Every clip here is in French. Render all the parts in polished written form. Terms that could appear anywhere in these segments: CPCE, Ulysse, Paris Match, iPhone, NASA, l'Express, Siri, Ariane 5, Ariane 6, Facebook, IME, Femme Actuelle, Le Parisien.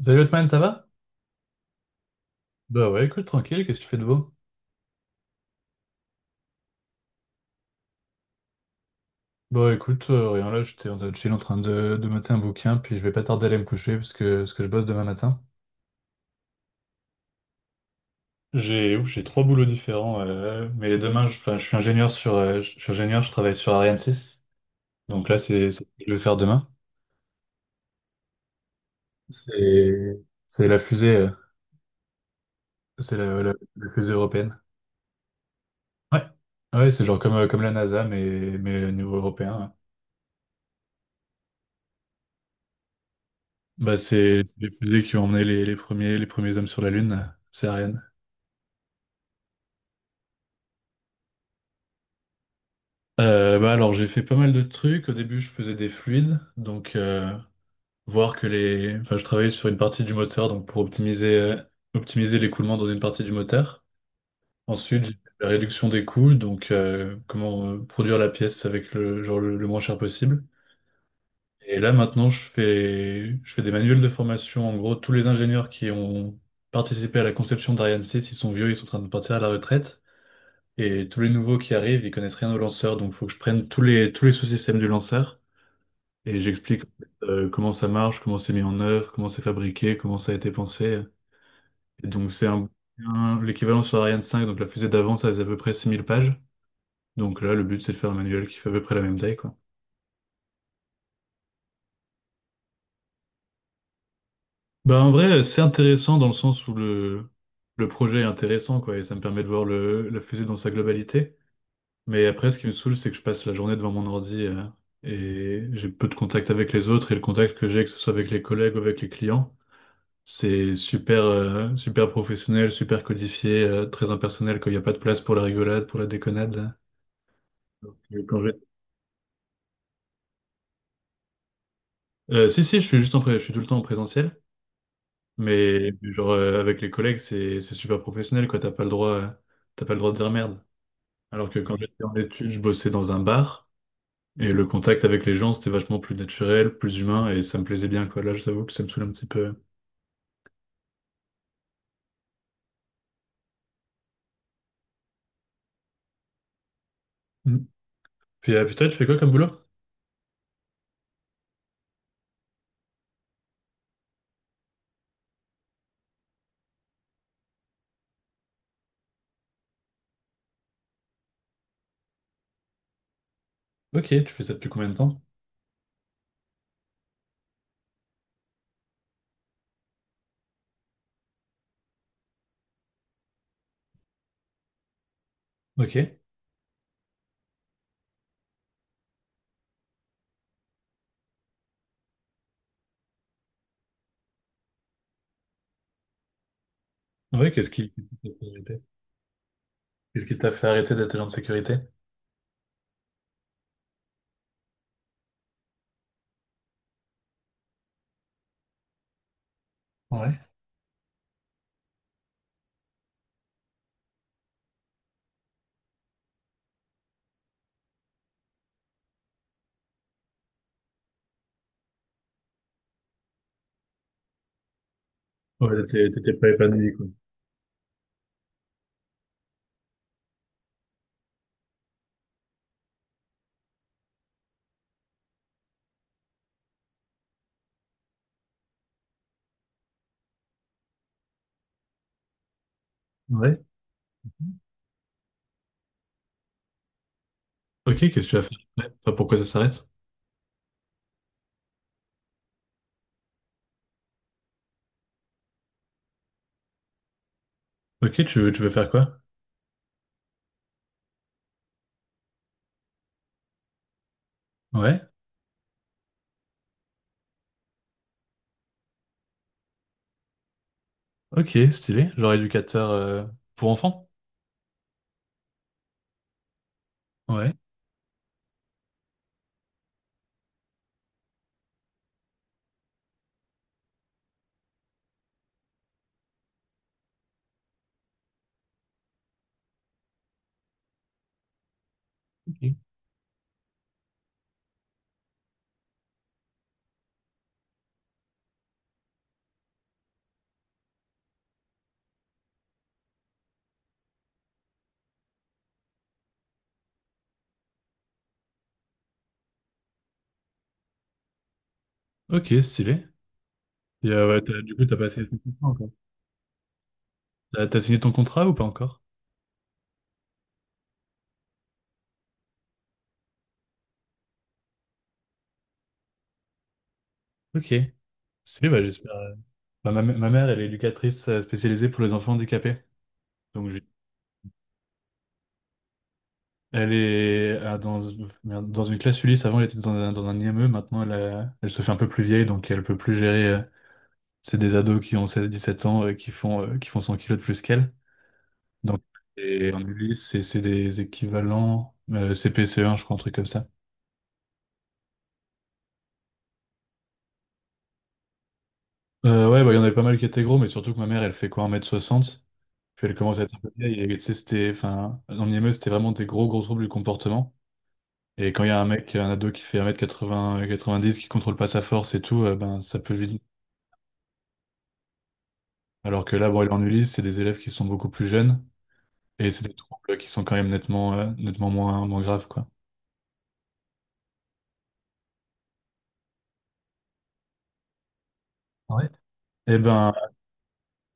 Salut Otman, ça va? Bah ouais, écoute, tranquille, qu'est-ce que tu fais de beau? Bah écoute, rien là, j'étais en train de chill en train de mater un bouquin, puis je vais pas tarder à aller me coucher parce que je bosse demain matin. J'ai trois boulots différents, mais demain, enfin, je suis ingénieur je suis ingénieur, je travaille sur Ariane 6, donc là, c'est ce que je vais faire demain. C'est c'est la fusée, c'est la fusée européenne. Ouais, ouais, c'est genre comme, comme la NASA, mais au niveau européen. Ouais. Bah c'est les fusées qui ont emmené les premiers hommes sur la Lune, c'est Ariane. Bah alors j'ai fait pas mal de trucs. Au début je faisais des fluides, donc voir que les. Enfin je travaillais sur une partie du moteur, donc pour optimiser l'écoulement dans une partie du moteur. Ensuite j'ai fait la réduction des coûts, donc comment produire la pièce avec le genre le moins cher possible. Et là maintenant je fais des manuels de formation. En gros tous les ingénieurs qui ont participé à la conception d'Ariane 6, ils sont vieux, ils sont en train de partir à la retraite. Et tous les nouveaux qui arrivent, ils connaissent rien au lanceur, donc faut que je prenne tous les sous-systèmes du lanceur. Et j'explique en fait, comment ça marche, comment c'est mis en œuvre, comment c'est fabriqué, comment ça a été pensé. Et donc l'équivalent sur Ariane 5, donc la fusée d'avant, ça faisait à peu près 6 000 pages. Donc là, le but, c'est de faire un manuel qui fait à peu près la même taille, quoi. Bah en vrai, c'est intéressant dans le sens où le projet est intéressant, quoi, et ça me permet de voir la fusée dans sa globalité. Mais après, ce qui me saoule, c'est que je passe la journée devant mon ordi et j'ai peu de contact avec les autres, et le contact que j'ai, que ce soit avec les collègues ou avec les clients, c'est super, super professionnel, super codifié, très impersonnel, qu'il n'y a pas de place pour la rigolade, pour la déconnade. Donc, si, si, je suis tout le temps en présentiel, mais genre avec les collègues, c'est super professionnel, quoi. T'as pas le droit, t'as pas le droit de dire merde. Alors que quand j'étais en études, je bossais dans un bar et le contact avec les gens, c'était vachement plus naturel, plus humain et ça me plaisait bien, quoi. Là, je t'avoue que ça me saoule un petit peu. Mm. Puis toi, tu fais quoi comme boulot? Ok, tu fais ça depuis combien de temps? Ok. Ouais, qu'est-ce qui... Qu'est-ce qui t'a fait arrêter d'être agent de sécurité? Ouais. Ouais, t'étais pas épanoui, quoi. Ouais. Ok, qu'est-ce que tu vas faire après? Enfin, pourquoi ça s'arrête? Ok, tu veux faire quoi? Ouais, ok, stylé. Genre éducateur pour enfants? Ouais, ok. Ok, stylé. Et, ouais, du coup, t'as pas signé ton contrat encore? T'as signé ton contrat ou pas encore? Ok, stylé, bah, j'espère. Bah, ma mère, elle est éducatrice spécialisée pour les enfants handicapés. Donc, je... Elle est, merde, dans une classe Ulysse. Avant, elle était dans un IME. Maintenant, elle se fait un peu plus vieille, donc elle peut plus gérer. C'est des ados qui ont 16, 17 ans qui font 100 kilos de plus qu'elle. Donc, et en Ulysse, c'est des équivalents cpce un, je crois, un truc comme ça. Ouais, bah, il y en avait pas mal qui étaient gros, mais surtout que ma mère, elle fait quoi, 1 m 60. Puis elle commence à être un peu vieille. Et tu sais, c'était, enfin, en IME, c'était vraiment des gros, gros troubles du comportement. Et quand il y a un mec, un ado qui fait 1 quatre-vingt-dix, qui contrôle pas sa force et tout, ben, ça peut vite... Alors que là, bon, il est en Ulysse, c'est des élèves qui sont beaucoup plus jeunes et c'est des troubles qui sont quand même nettement moins graves, quoi. Ouais. Eh ben,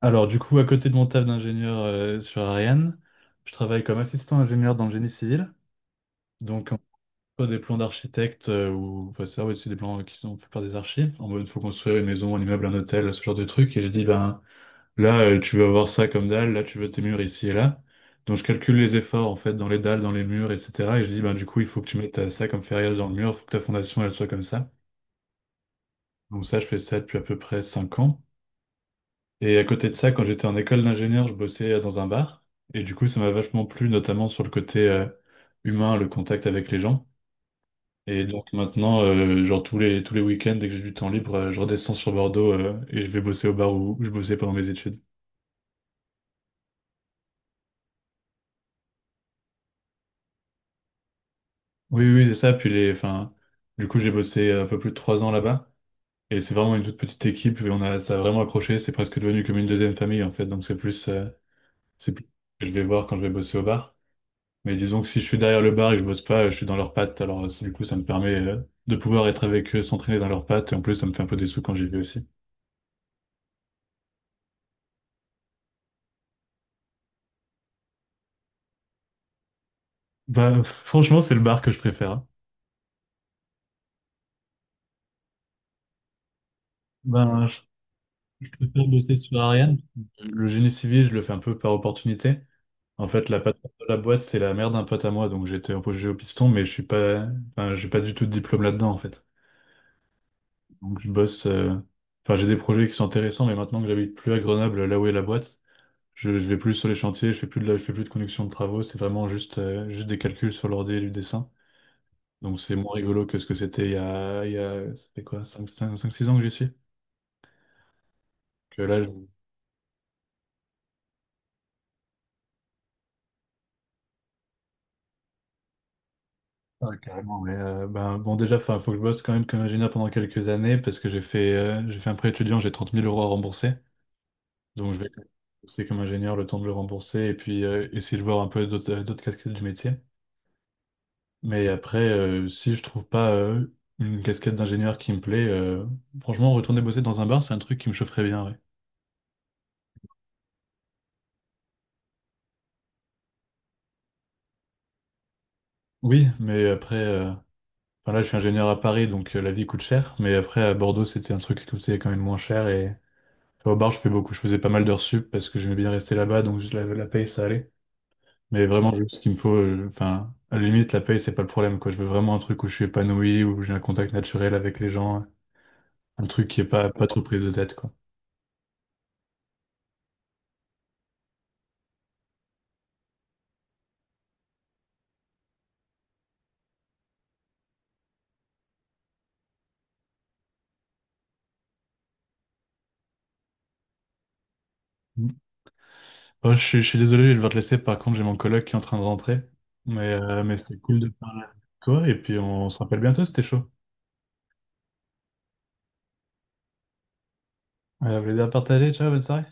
alors du coup, à côté de mon taf d'ingénieur sur Ariane, je travaille comme assistant ingénieur dans le génie civil. Donc, on fait des plans d'architecte ou enfin, ça, ouais, c'est des plans qui sont faits par des archives. En mode, il faut construire une maison, un immeuble, un hôtel, ce genre de truc. Et j'ai dit, ben, là, tu veux avoir ça comme dalle, là, tu veux tes murs ici et là. Donc, je calcule les efforts, en fait, dans les dalles, dans les murs, etc. Et je dis, ben, du coup, il faut que tu mettes ça comme ferrière dans le mur, il faut que ta fondation, elle soit comme ça. Donc, ça, je fais ça depuis à peu près 5 ans. Et à côté de ça, quand j'étais en école d'ingénieur, je bossais dans un bar. Et du coup, ça m'a vachement plu, notamment sur le côté humain, le contact avec les gens. Et donc, maintenant, genre, tous les week-ends, dès que j'ai du temps libre, je redescends sur Bordeaux et je vais bosser au bar où je bossais pendant mes études. Oui, oui, c'est ça. Puis enfin, du coup, j'ai bossé un peu plus de 3 ans là-bas. Et c'est vraiment une toute petite équipe. Et ça a vraiment accroché. C'est presque devenu comme une deuxième famille, en fait. Donc, c'est plus ce que je vais voir quand je vais bosser au bar. Mais disons que si je suis derrière le bar et que je bosse pas, je suis dans leurs pattes. Alors, du coup, ça me permet, de pouvoir être avec eux, s'entraîner dans leurs pattes. Et en plus, ça me fait un peu des sous quand j'y vais aussi. Bah, franchement, c'est le bar que je préfère. Hein. Ben, je préfère bosser sur Ariane. Le génie civil, je le fais un peu par opportunité. En fait, la patronne de la boîte, c'est la mère d'un pote à moi, donc j'étais embauché au piston, mais je suis pas, enfin, j'ai pas du tout de diplôme là-dedans, en fait. Donc je bosse, enfin, j'ai des projets qui sont intéressants, mais maintenant que j'habite plus à Grenoble, là où est la boîte, je vais plus sur les chantiers, je fais plus de je fais plus de conduction de travaux, c'est vraiment juste, juste des calculs sur l'ordi et du dessin. Donc c'est moins rigolo que ce que c'était ça fait quoi, 5, 6 ans que j'y suis. Que là, je... Ah, carrément, mais ben, bon, déjà, enfin, faut que je bosse quand même comme ingénieur pendant quelques années parce que j'ai fait un prêt étudiant, j'ai 30 000 euros à rembourser. Donc, je vais bosser comme ingénieur le temps de le rembourser et puis essayer de voir un peu d'autres casquettes du métier. Mais après, si je trouve pas une casquette d'ingénieur qui me plaît, franchement, retourner bosser dans un bar, c'est un truc qui me chaufferait bien, ouais. Oui, mais après, enfin là, je suis ingénieur à Paris, donc la vie coûte cher. Mais après, à Bordeaux, c'était un truc qui coûtait quand même moins cher. Et enfin, au bar, je fais beaucoup. Je faisais pas mal d'heures sup parce que j'aimais bien rester là-bas, donc la paye, ça allait. Mais vraiment, juste ce qu'il me faut, enfin, à la limite, la paye, c'est pas le problème, quoi. Je veux vraiment un truc où je suis épanoui, où j'ai un contact naturel avec les gens, un truc qui est pas trop pris de tête, quoi. Oh, je suis désolé, je vais devoir te laisser. Par contre, j'ai mon collègue qui est en train de rentrer. Mais c'était cool de parler avec toi. Et puis, on se rappelle bientôt, c'était chaud. Plaisir à partager. Ciao, bonne soirée.